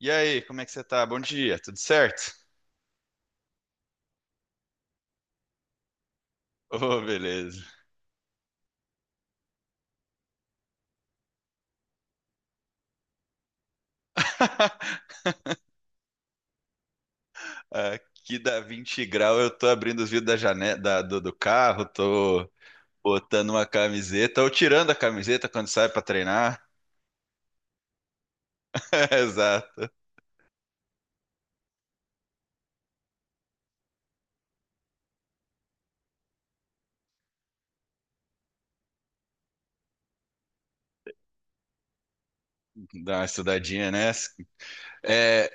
E aí, como é que você tá? Bom dia, tudo certo? Ô, beleza. Aqui dá 20 graus, eu tô abrindo os vidros da janela, do carro, tô botando uma camiseta, ou tirando a camiseta quando sai pra treinar. Exato. Dá uma estudadinha nessa. É,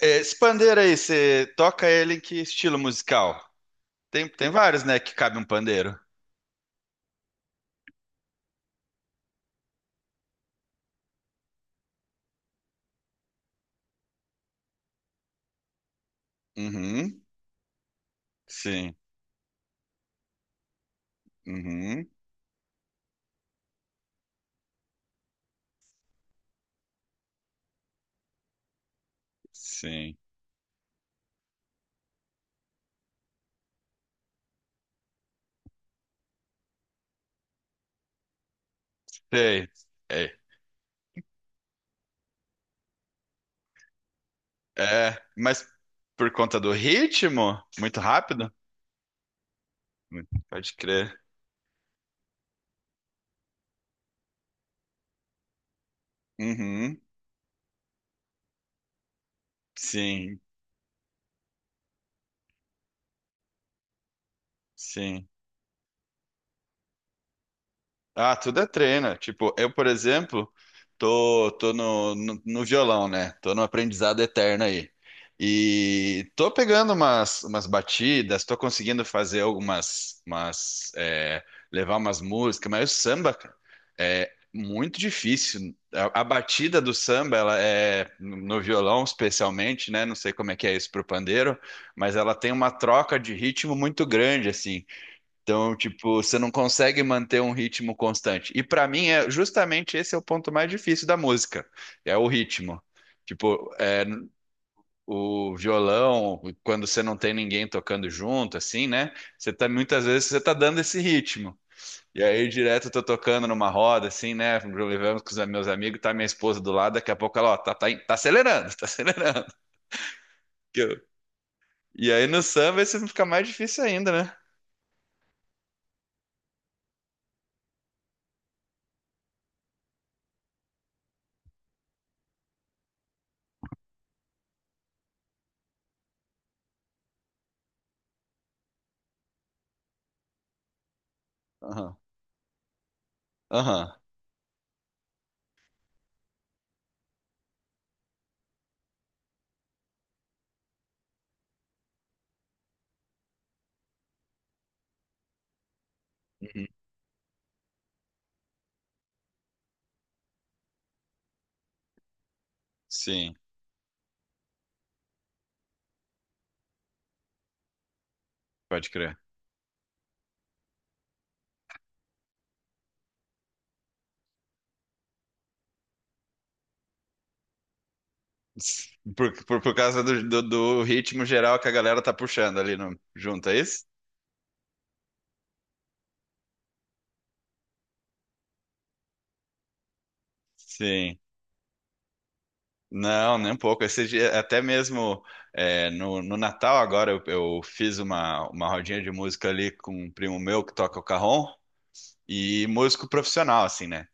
é, esse pandeiro aí, você toca ele em que estilo musical? Tem vários, né, que cabe um pandeiro. Uhum, sim. Uhum, sim. Sei. É. É, mas por conta do ritmo, muito rápido? Muito- Pode crer. Uhum, sim, sim. Ah, tudo é treino. Tipo, eu, por exemplo, tô no violão, né? Tô no aprendizado eterno aí. E tô pegando umas batidas, tô conseguindo fazer algumas, umas, levar umas músicas, mas o samba, cara, é muito difícil. A batida do samba, ela é, no violão especialmente, né? Não sei como é que é isso pro pandeiro, mas ela tem uma troca de ritmo muito grande, assim. Então, tipo, você não consegue manter um ritmo constante. E pra mim é justamente esse é o ponto mais difícil da música, é o ritmo. Tipo, o violão, quando você não tem ninguém tocando junto, assim, né? Você tá muitas vezes você tá dando esse ritmo. E aí direto eu tô tocando numa roda, assim, né? Levamos com os meus amigos, tá minha esposa do lado, daqui a pouco ela, ó, tá acelerando, tá acelerando. Que eu- E aí no samba isso fica mais difícil ainda, né? Aham, aham, uhum, sim, pode crer. Por causa do ritmo geral que a galera tá puxando ali no, junto, é isso? Sim. Não, nem um pouco. Esse dia, até mesmo no Natal agora eu fiz uma rodinha de música ali com um primo meu que toca o cajón e músico profissional, assim, né?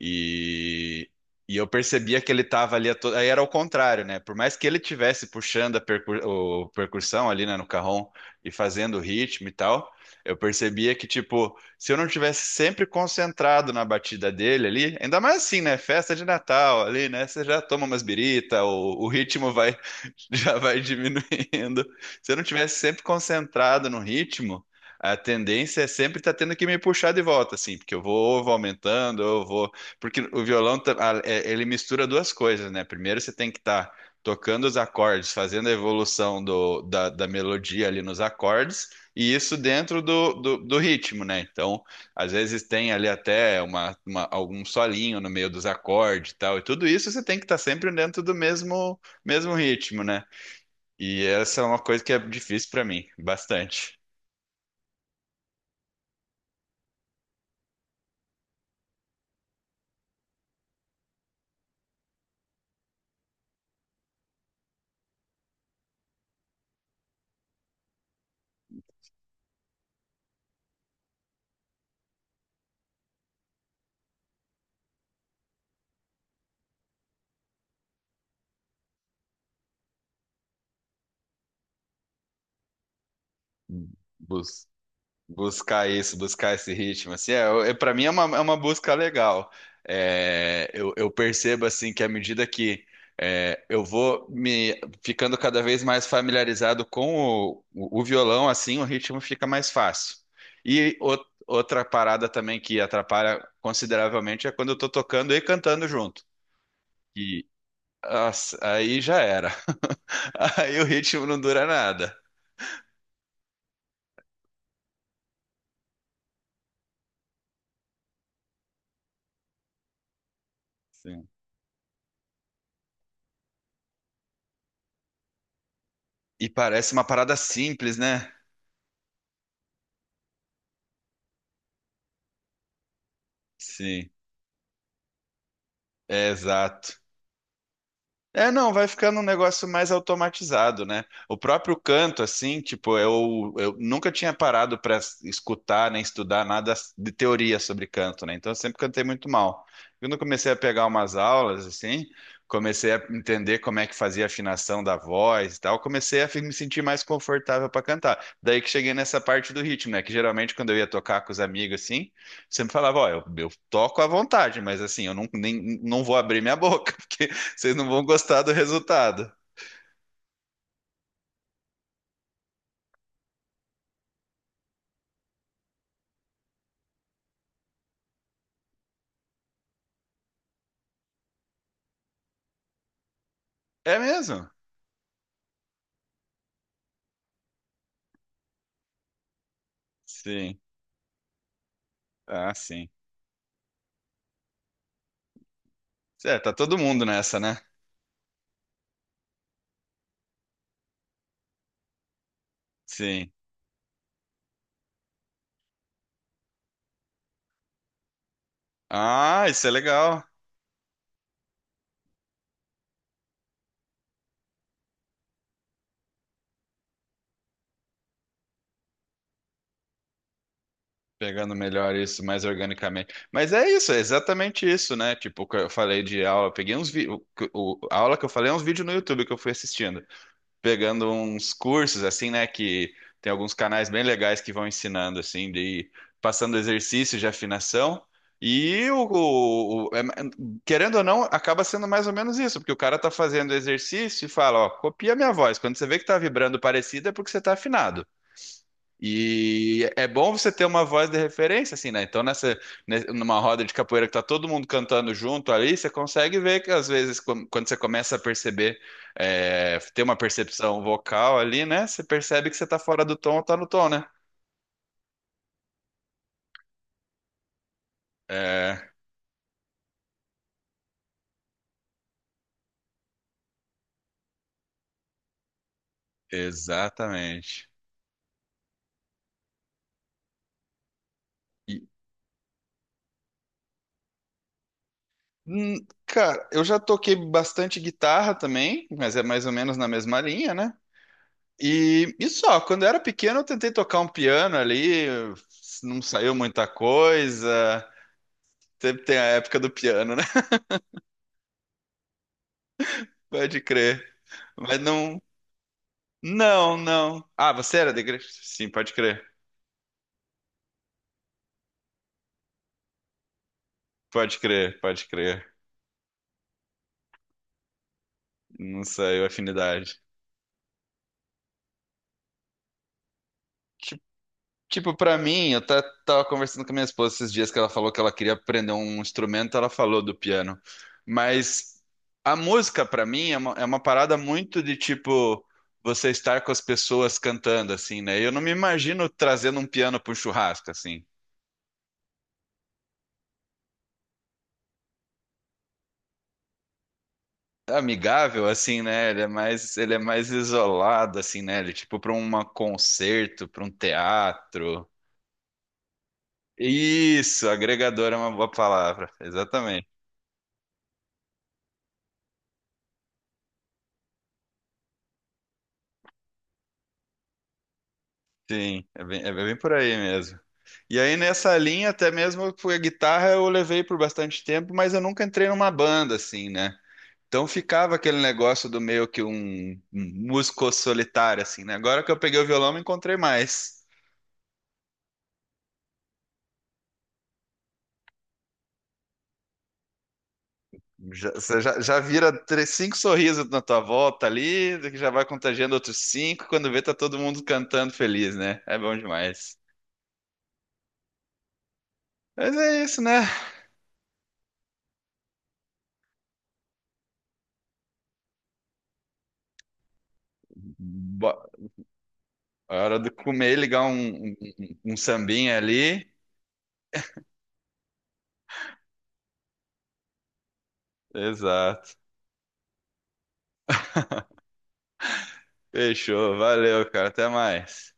E, e eu percebia que ele estava ali, a to... aí era o contrário, né? Por mais que ele tivesse puxando a percu- o percussão ali, né, no carrom e fazendo o ritmo e tal, eu percebia que, tipo, se eu não tivesse sempre concentrado na batida dele ali, ainda mais assim, né? Festa de Natal ali, né? Você já toma umas birita, o ritmo vai já vai diminuindo. Se eu não tivesse sempre concentrado no ritmo, a tendência é sempre estar tendo que me puxar de volta, assim, porque eu vou aumentando, eu vou. Porque o violão, ele mistura duas coisas, né? Primeiro você tem que estar tocando os acordes, fazendo a evolução da melodia ali nos acordes, e isso dentro do ritmo, né? Então, às vezes tem ali até algum solinho no meio dos acordes e tal, e tudo isso você tem que estar sempre dentro do mesmo ritmo, né? E essa é uma coisa que é difícil pra mim, bastante. Bus- buscar isso, buscar esse ritmo, assim, para mim é uma busca legal. É, eu percebo assim que à medida que eu vou me ficando cada vez mais familiarizado com o violão, assim, o ritmo fica mais fácil. E o- Outra parada também que atrapalha consideravelmente é quando eu tô tocando e cantando junto. E nossa, aí já era. Aí o ritmo não dura nada. Sim, e parece uma parada simples, né? Sim. É, exato. É, não, vai ficando um negócio mais automatizado, né? O próprio canto, assim, tipo, eu nunca tinha parado para escutar nem estudar nada de teoria sobre canto, né? Então eu sempre cantei muito mal. Quando eu comecei a pegar umas aulas, assim, comecei a entender como é que fazia a afinação da voz e tal, me sentir mais confortável para cantar. Daí que cheguei nessa parte do ritmo, né? Que geralmente quando eu ia tocar com os amigos, assim, sempre falava, ó, eu toco à vontade, mas assim, eu não vou abrir minha boca, porque vocês não vão gostar do resultado. É mesmo? Sim. Ah, sim. É, tá todo mundo nessa, né? Sim. Ah, isso é legal. Pegando melhor isso, mais organicamente. Mas é isso, é exatamente isso, né? Tipo, o que eu falei de aula, eu peguei uns vídeos. A aula que eu falei é uns vídeos no YouTube que eu fui assistindo, pegando uns cursos assim, né, que tem alguns canais bem legais que vão ensinando assim, de ir passando exercícios de afinação. E o, o- o- é- Querendo ou não, acaba sendo mais ou menos isso, porque o cara tá fazendo exercício e fala, ó, copia minha voz. Quando você vê que tá vibrando parecido, é porque você tá afinado. E é bom você ter uma voz de referência, assim, né? Então, nessa, numa roda de capoeira que tá todo mundo cantando junto ali, você consegue ver que às vezes, quando você começa a perceber, ter uma percepção vocal ali, né? Você percebe que você tá fora do tom ou tá no tom, né? É, exatamente. E, hum, cara, eu já toquei bastante guitarra também, mas é mais ou menos na mesma linha, né? Quando eu era pequeno eu tentei tocar um piano ali, não saiu muita coisa. Sempre tem a época do piano, né? Pode crer. Mas não. Não, não. Ah, você era da igreja? Sim, pode crer. Pode crer, pode crer. Não saiu afinidade. Ti- Tipo, pra mim, tava conversando com a minha esposa esses dias que ela falou que ela queria aprender um instrumento, ela falou do piano. Mas a música, pra mim, é uma parada muito de tipo. Você estar com as pessoas cantando, assim, né? Eu não me imagino trazendo um piano para um churrasco, assim, amigável, assim, né? Ele é mais isolado, assim, né? Ele, tipo, para um concerto, para um teatro. Isso, agregador é uma boa palavra, exatamente. Sim, é bem por aí mesmo. E aí nessa linha, até mesmo foi a guitarra, eu levei por bastante tempo, mas eu nunca entrei numa banda, assim, né? Então ficava aquele negócio do meio que um músico solitário, assim, né? Agora que eu peguei o violão, me encontrei mais. Já, você já vira três, cinco sorrisos na tua volta ali, que já vai contagiando outros cinco, quando vê tá todo mundo cantando feliz, né? É bom demais. Mas é isso, né? Bo- A hora de comer, ligar um sambinha ali. Exato. Fechou, valeu, cara, até mais.